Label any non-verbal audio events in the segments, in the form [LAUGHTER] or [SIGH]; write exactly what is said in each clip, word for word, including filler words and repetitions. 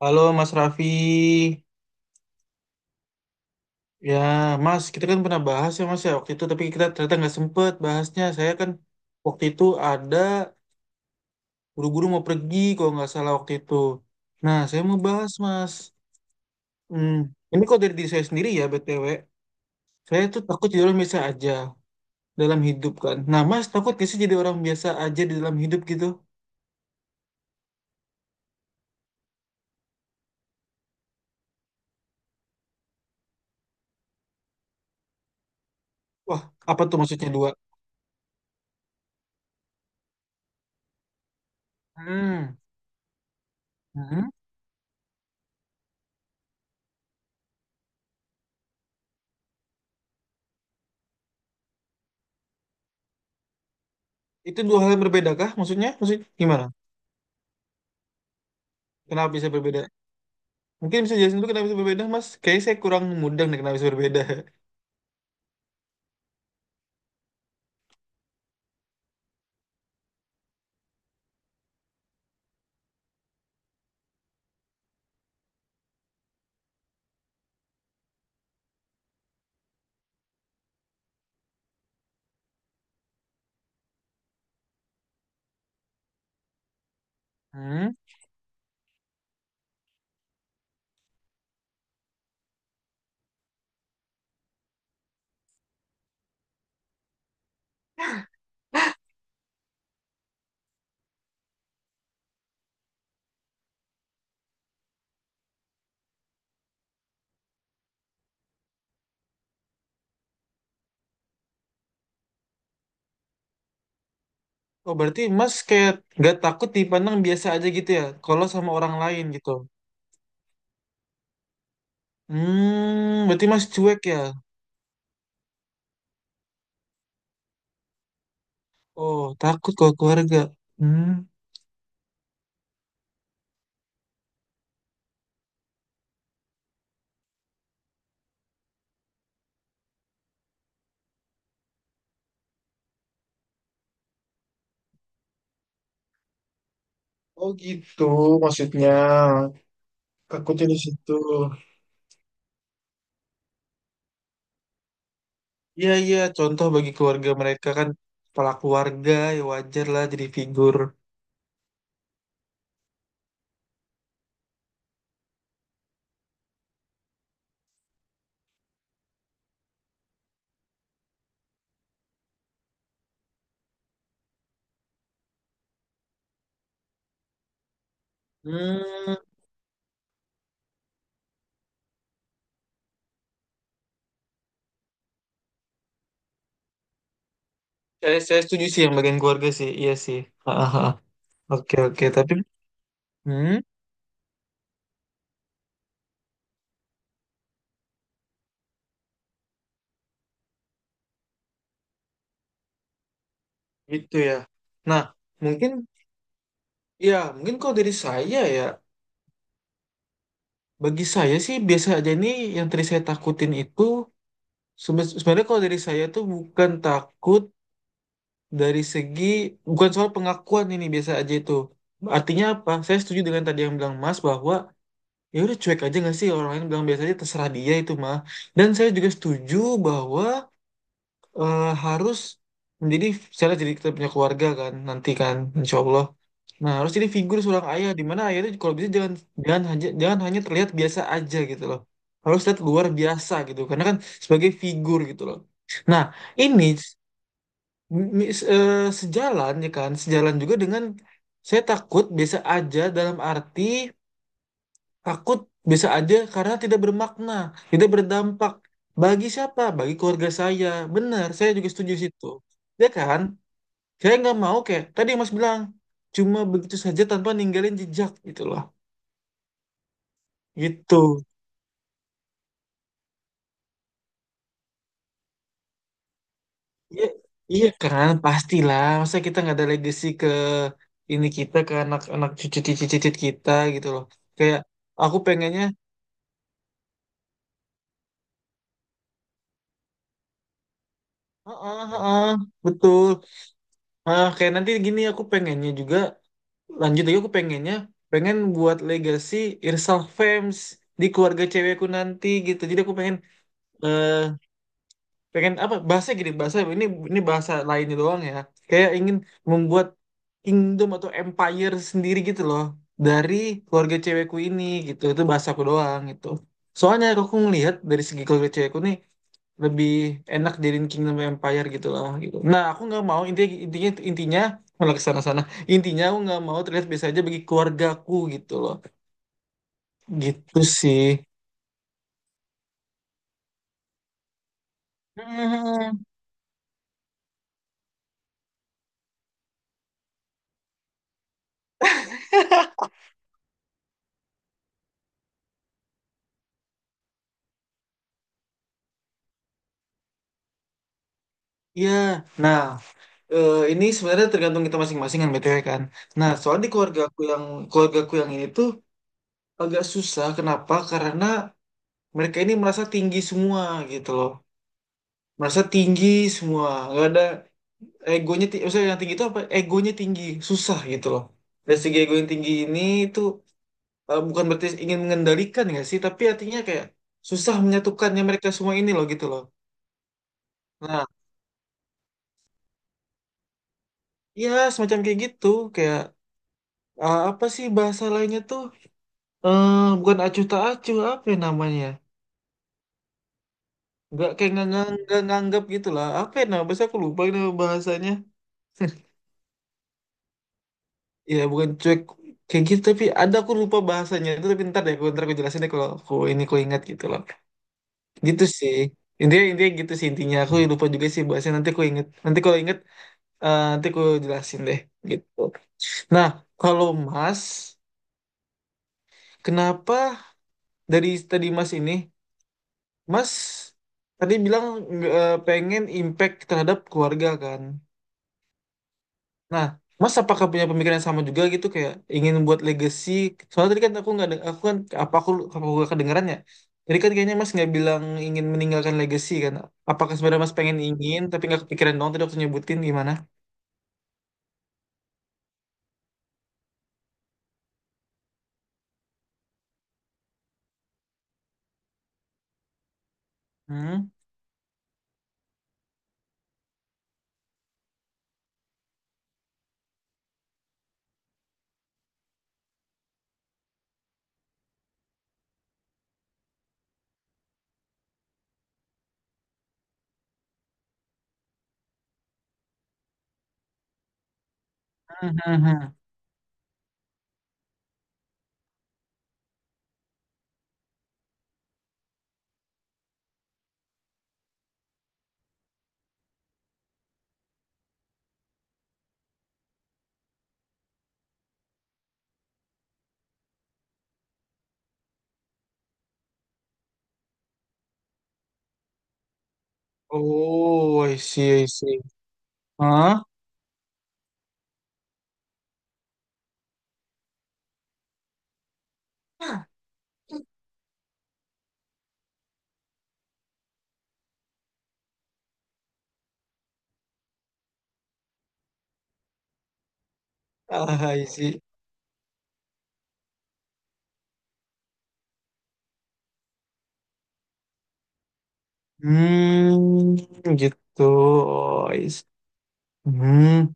Halo Mas Raffi, ya Mas, kita kan pernah bahas ya Mas ya waktu itu, tapi kita ternyata nggak sempet bahasnya. Saya kan waktu itu ada buru-buru mau pergi kalau nggak salah waktu itu. Nah, saya mau bahas Mas. Hmm, ini kok dari diri saya sendiri ya B T W. Saya tuh takut jadi orang biasa aja dalam hidup kan. Nah Mas, takut nggak sih jadi orang biasa aja di dalam hidup gitu? Wah, apa tuh maksudnya dua? Hmm, hmm. Itu dua hal yang berbeda kah? Maksudnya, maksudnya gimana? Kenapa bisa berbeda? Mungkin bisa jelasin dulu kenapa bisa berbeda, Mas? Kayaknya saya kurang mudeng deh kenapa bisa berbeda. Hmm? Oh, berarti Mas kayak gak takut dipandang biasa aja gitu ya, kalau sama orang lain gitu. Hmm, berarti Mas cuek ya? Oh, takut kalau keluarga. Hmm, Oh gitu maksudnya. Takutnya di situ. Iya iya. Contoh bagi keluarga mereka kan kepala keluarga, ya wajar lah jadi figur. Hmm, saya saya setuju sih yang bagian keluarga sih. Iya sih. Ah, ah, ah. Oke oke. Tapi, hmm. Gitu ya. Nah, mungkin ya, mungkin kalau dari saya ya, bagi saya sih biasa aja nih yang tadi saya takutin itu sebe- sebenarnya kalau dari saya tuh bukan takut dari segi bukan soal pengakuan ini biasa aja itu. Artinya apa? Saya setuju dengan tadi yang bilang Mas bahwa ya udah cuek aja nggak sih orang lain bilang biasa aja terserah dia itu mah. Dan saya juga setuju bahwa eh, harus menjadi saya jadi kita punya keluarga kan nanti kan insya Allah. Nah, harus jadi figur seorang ayah di mana ayah itu kalau bisa jangan jangan hanya jangan hanya terlihat biasa aja gitu loh. Harus terlihat luar biasa gitu karena kan sebagai figur gitu loh. Nah, ini m- m- s- eh, sejalan ya kan, sejalan juga dengan saya takut biasa aja dalam arti takut biasa aja karena tidak bermakna, tidak berdampak bagi siapa? Bagi keluarga saya. Benar, saya juga setuju situ. Ya kan? Saya nggak mau kayak tadi Mas bilang cuma begitu saja tanpa ninggalin jejak gitu loh gitu iya iya kan pastilah masa kita nggak ada legacy ke ini kita ke anak-anak cucu cucu-cucu-cucu kita gitu loh kayak aku pengennya heeh heeh betul ah kayak nanti gini aku pengennya juga lanjut lagi aku pengennya pengen buat legacy Irsal Fems di keluarga cewekku nanti gitu jadi aku pengen eh pengen apa bahasa gini bahasa ini ini bahasa lainnya doang ya kayak ingin membuat kingdom atau empire sendiri gitu loh dari keluarga cewekku ini gitu itu bahasaku doang gitu soalnya aku ngelihat dari segi keluarga cewekku nih lebih enak jadiin kingdom empire gitu lah gitu nah aku nggak mau intinya intinya intinya malah kesana sana intinya aku nggak mau terlihat biasa aja bagi keluargaku gitu loh gitu sih. Hmm, ya. nah Eh, ini sebenarnya tergantung kita masing-masing kan B T W kan. Nah, Nah, soalnya di keluarga aku yang keluarga aku yang ini tuh agak susah. Kenapa? Karena mereka ini merasa tinggi semua gitu loh. Merasa tinggi semua. Gak ada egonya. ti- Maksudnya yang tinggi itu apa? Egonya tinggi. Susah gitu loh. Dari segi ego yang tinggi ini itu eh, bukan berarti ingin mengendalikan nggak sih, tapi artinya kayak susah menyatukannya mereka semua ini loh gitu loh. Nah, ya semacam kayak gitu. Kayak eh, apa sih bahasa lainnya tuh? eh bukan acuh tak acuh apa ya namanya nggak kayak nggak ngang- nggak nganggap gitu lah apa ya namanya. Biasanya aku lupa ini nama bahasanya ya bukan cuek kayak gitu tapi ada aku lupa bahasanya itu tapi ntar deh aku ntar aku jelasin deh kalau aku ini aku ingat gitu loh gitu sih intinya intinya gitu sih intinya aku lupa juga sih bahasanya nanti aku inget nanti kalau inget eh, nanti aku jelasin deh gitu nah kalau Mas kenapa dari tadi Mas ini Mas tadi bilang nggak, eh, pengen impact terhadap keluarga kan. Nah, Mas apakah punya pemikiran yang sama juga gitu kayak ingin buat legacy? Soalnya tadi kan aku nggak deng- aku kan apa aku apa aku nggak kedengeran ya? Tadi kan kayaknya Mas nggak bilang ingin meninggalkan legacy kan? Apakah sebenarnya Mas pengen ingin tapi nggak kepikiran dong tadi waktu nyebutin gimana? Hmm? Hmm, hmm, hmm. Oh, I see, I see. Hah? Ah, I see. Hmm, gitu. Oh, I see. Hmm.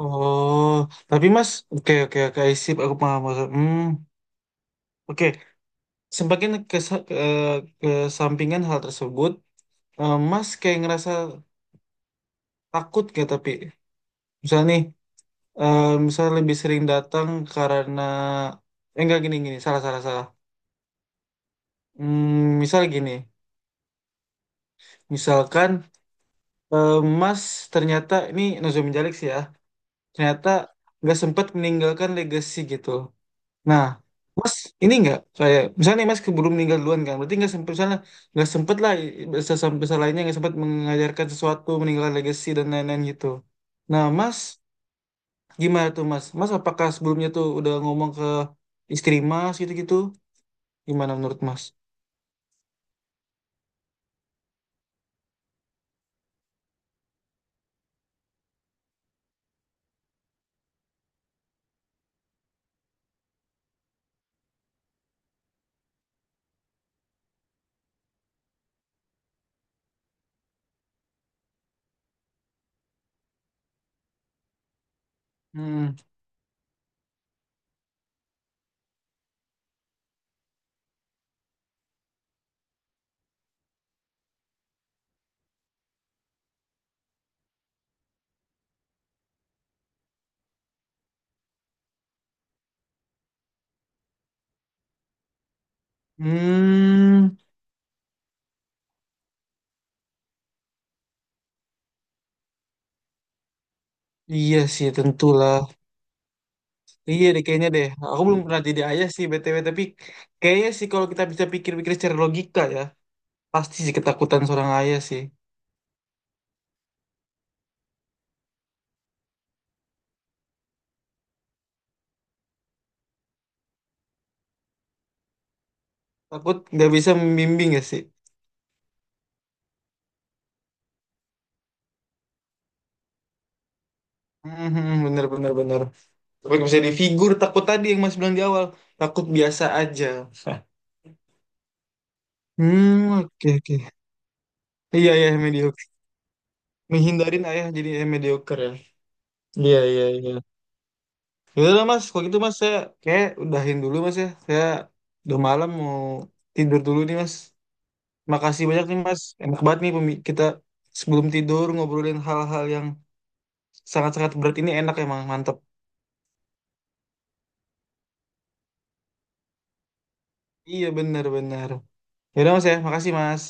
Oh, tapi Mas, oke oke oke, I aku paham. maksud- Hmm, oke. Semakin ke, ke sampingan hal tersebut, eh, Mas kayak ngerasa takut gak tapi misal nih, eh, misal lebih sering datang karena eh, enggak gini gini, salah salah salah. Hmm, misal gini, misalkan eh, Mas ternyata ini Nozomi Jalik sih ya, ternyata nggak sempat meninggalkan legacy gitu. Nah, Mas ini nggak saya misalnya nih Mas keburu meninggal duluan kan, berarti nggak sempet misalnya nggak sempet lah besar besar lainnya nggak sempat mengajarkan sesuatu meninggalkan legacy dan lain-lain gitu. Nah, Mas gimana tuh Mas? Mas apakah sebelumnya tuh udah ngomong ke istri Mas gitu-gitu? Gimana menurut Mas? Hmm. Hmm, iya sih tentulah. Iya deh kayaknya deh. Aku belum pernah jadi ayah sih B T W tapi kayaknya sih kalau kita bisa pikir-pikir secara logika ya, pasti sih ketakutan seorang ayah sih. Takut nggak bisa membimbing ya sih. Mhm, bener bener bener tapi bisa di figur takut tadi yang mas bilang di awal takut biasa aja. [LAUGHS] Hmm oke oke iya iya mediocre menghindarin ayah jadi eh, mediocre ya iya iya iya. Yaudah lah mas kalau gitu mas saya kayak udahin dulu mas ya saya udah malam mau tidur dulu nih mas makasih banyak nih mas enak banget nih pembi- kita sebelum tidur ngobrolin hal-hal yang sangat-sangat berat ini enak emang mantep iya benar-benar. Yaudah mas ya, makasih mas.